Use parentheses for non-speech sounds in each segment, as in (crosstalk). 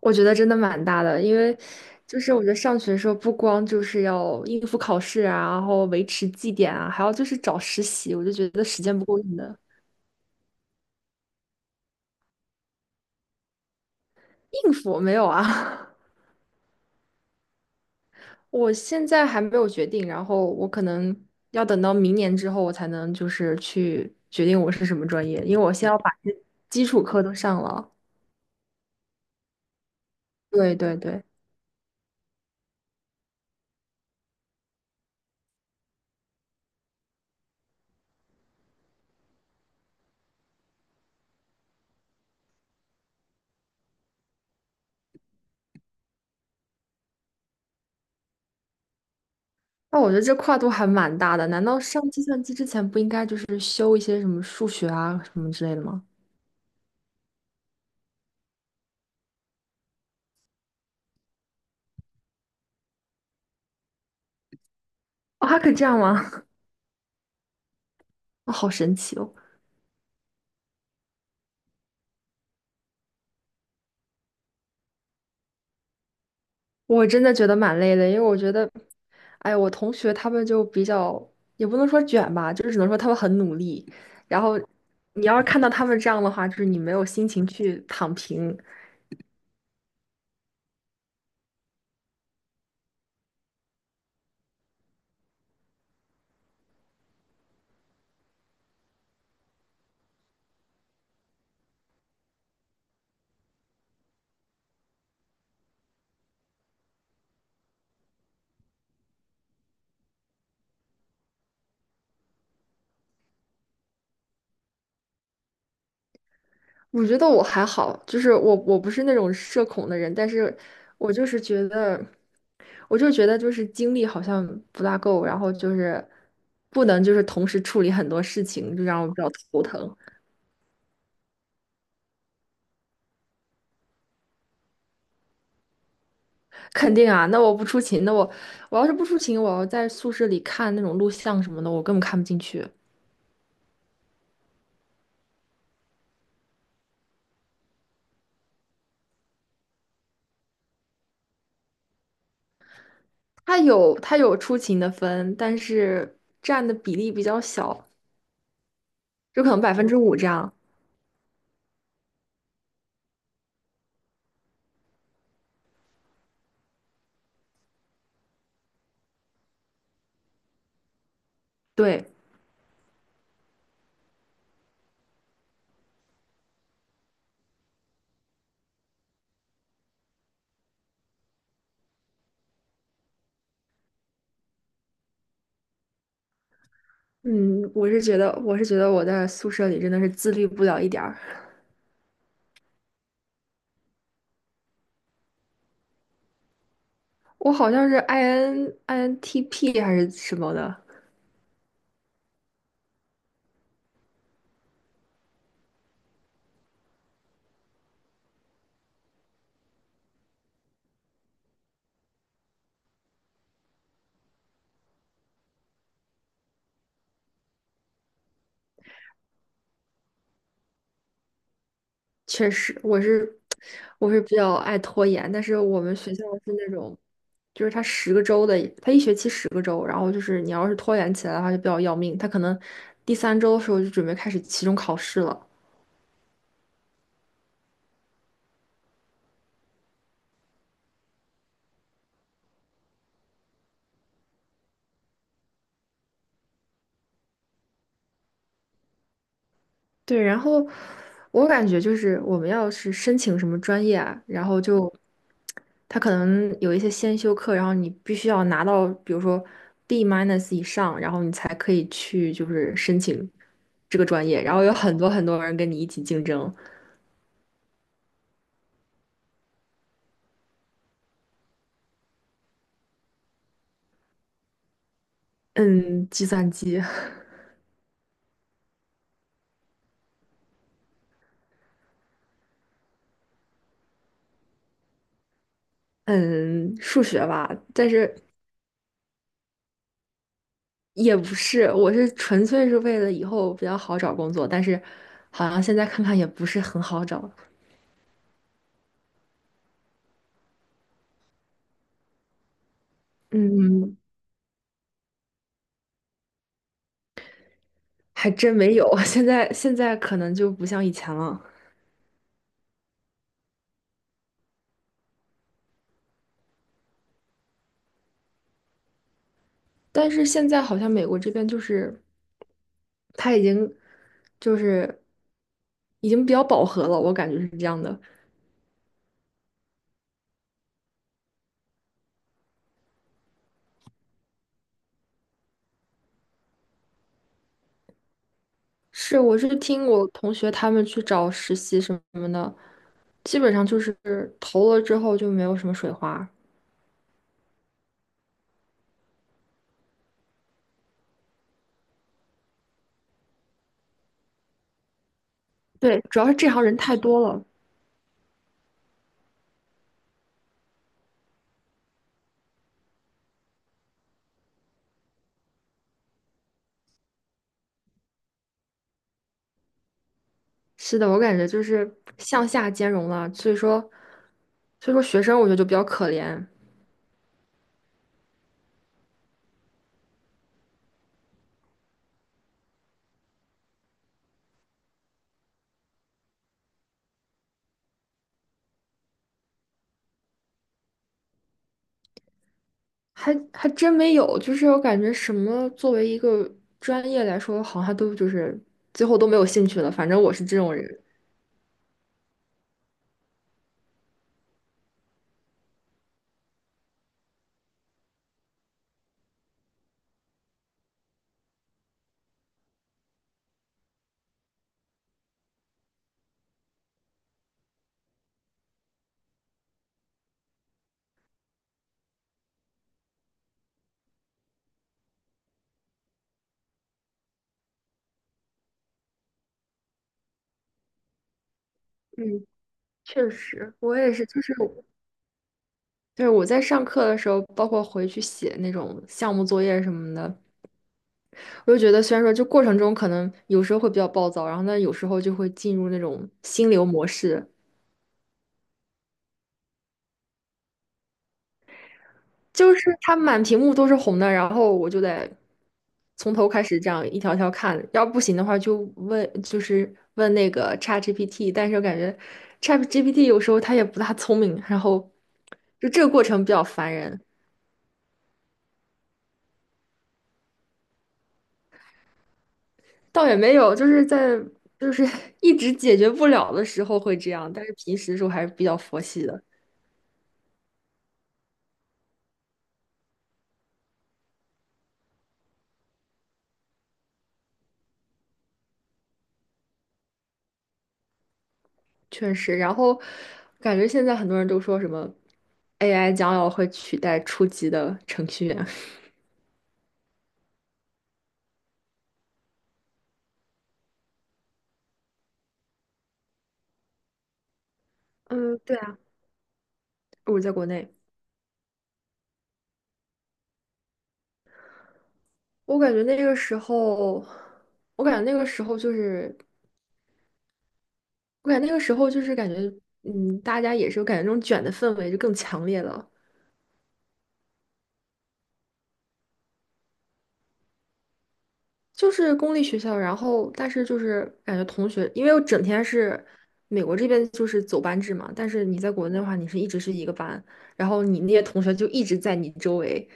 我觉得真的蛮大的，因为就是我觉得上学的时候不光就是要应付考试啊，然后维持绩点啊，还要就是找实习，我就觉得时间不够用的。应付没有啊，(laughs) 我现在还没有决定，然后我可能要等到明年之后，我才能就是去决定我是什么专业，因为我先要把这基础课都上了。对对对，那我觉得这跨度还蛮大的。难道上计算机之前不应该就是修一些什么数学啊什么之类的吗？哦，还可以这样吗？啊好神奇哦！我真的觉得蛮累的，因为我觉得，哎，我同学他们就比较，也不能说卷吧，就是只能说他们很努力。然后你要是看到他们这样的话，就是你没有心情去躺平。我觉得我还好，就是我不是那种社恐的人，但是我就是觉得，我就觉得就是精力好像不大够，然后就是不能就是同时处理很多事情，就让我比较头疼。肯定啊，那我不出勤，那我要是不出勤，我要在宿舍里看那种录像什么的，我根本看不进去。他有出勤的分，但是占的比例比较小，就可能5%这样。对，嗯，我是觉得我在宿舍里真的是自律不了一点儿，我好像是 INTP 还是什么的。确实，我是比较爱拖延，但是我们学校是那种，就是他十个周的，他一学期十个周，然后就是你要是拖延起来的话就比较要命。他可能第三周的时候就准备开始期中考试了，对，然后我感觉就是我们要是申请什么专业啊，然后就他可能有一些先修课，然后你必须要拿到，比如说 B minus 以上，然后你才可以去就是申请这个专业，然后有很多很多人跟你一起竞争，嗯，计算机，嗯，数学吧，但是也不是，我是纯粹是为了以后比较好找工作，但是好像现在看看也不是很好找，嗯，还真没有，(laughs) 现在可能就不像以前了。但是现在好像美国这边就是它就是已经比较饱和了，我感觉是这样的。是，我是听我同学他们去找实习什么的，基本上就是投了之后就没有什么水花。对，主要是这行人太多了。是的，我感觉就是向下兼容了，所以说，所以说学生我觉得就比较可怜。还真没有，就是我感觉什么作为一个专业来说，好像都就是最后都没有兴趣了。反正我是这种人。嗯，确实，我也是，就是我在上课的时候，包括回去写那种项目作业什么的，我就觉得虽然说就过程中可能有时候会比较暴躁，然后呢有时候就会进入那种心流模式，就是它满屏幕都是红的，然后我就得从头开始这样一条条看，要不行的话就问，就是问那个 ChatGPT，但是我感觉 ChatGPT 有时候它也不大聪明，然后就这个过程比较烦人，倒也没有，就是在就是 (laughs) 一直解决不了的时候会这样，但是平时的时候还是比较佛系的，确实。然后感觉现在很多人都说什么 AI 将要会取代初级的程序员，嗯，对啊，我在国内。我感觉那个时候，我感觉那个时候就是，我感觉那个时候就是感觉，嗯，大家也是感觉那种卷的氛围就更强烈了。就是公立学校，然后但是就是感觉同学，因为我整天是美国这边就是走班制嘛，但是你在国内的话，你是一直是一个班，然后你那些同学就一直在你周围。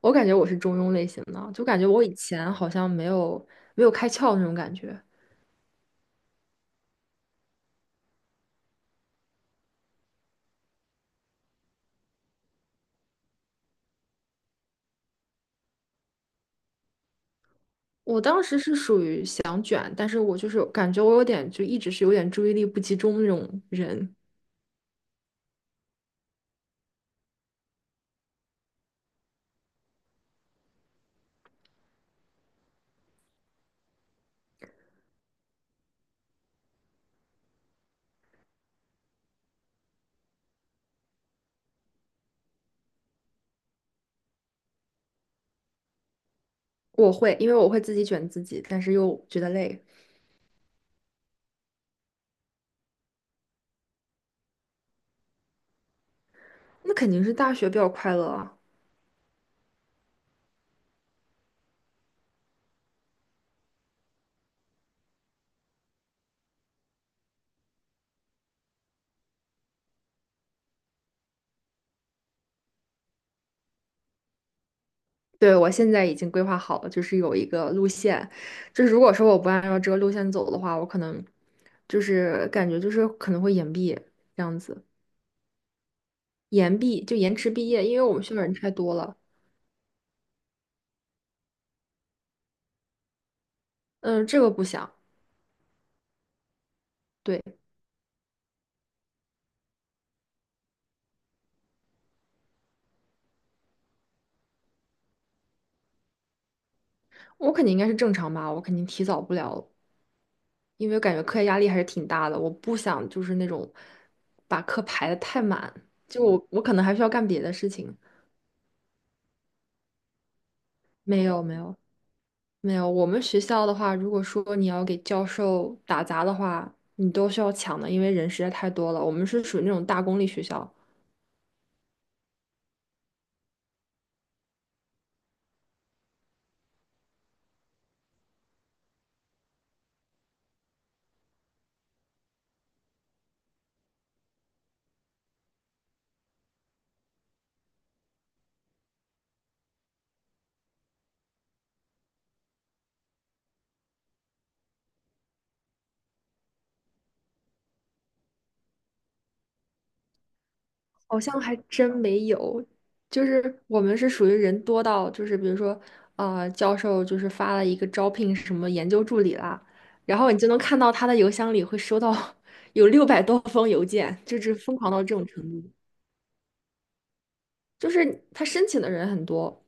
我感觉我是中庸类型的，就感觉我以前好像没有开窍那种感觉。我当时是属于想卷，但是我就是感觉我有点就一直是有点注意力不集中那种人。我会，因为我会自己卷自己，但是又觉得累。那肯定是大学比较快乐啊。对，我现在已经规划好了，就是有一个路线，就是如果说我不按照这个路线走的话，我可能就是感觉就是可能会延毕这样子，延毕就延迟毕业，因为我们学校人太多了。嗯，这个不想。对，我肯定应该是正常吧，我肯定提早不了。因为感觉课业压力还是挺大的，我不想就是那种把课排的太满，就我可能还需要干别的事情。没有没有没有，我们学校的话，如果说你要给教授打杂的话，你都需要抢的，因为人实在太多了。我们是属于那种大公立学校，好像还真没有，就是我们是属于人多到，就是比如说，教授就是发了一个招聘什么研究助理啦，然后你就能看到他的邮箱里会收到 (laughs) 有600多封邮件，就是疯狂到这种程度，就是他申请的人很多。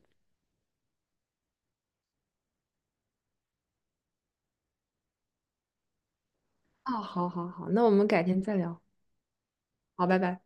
哦，好好好，那我们改天再聊，好，拜拜。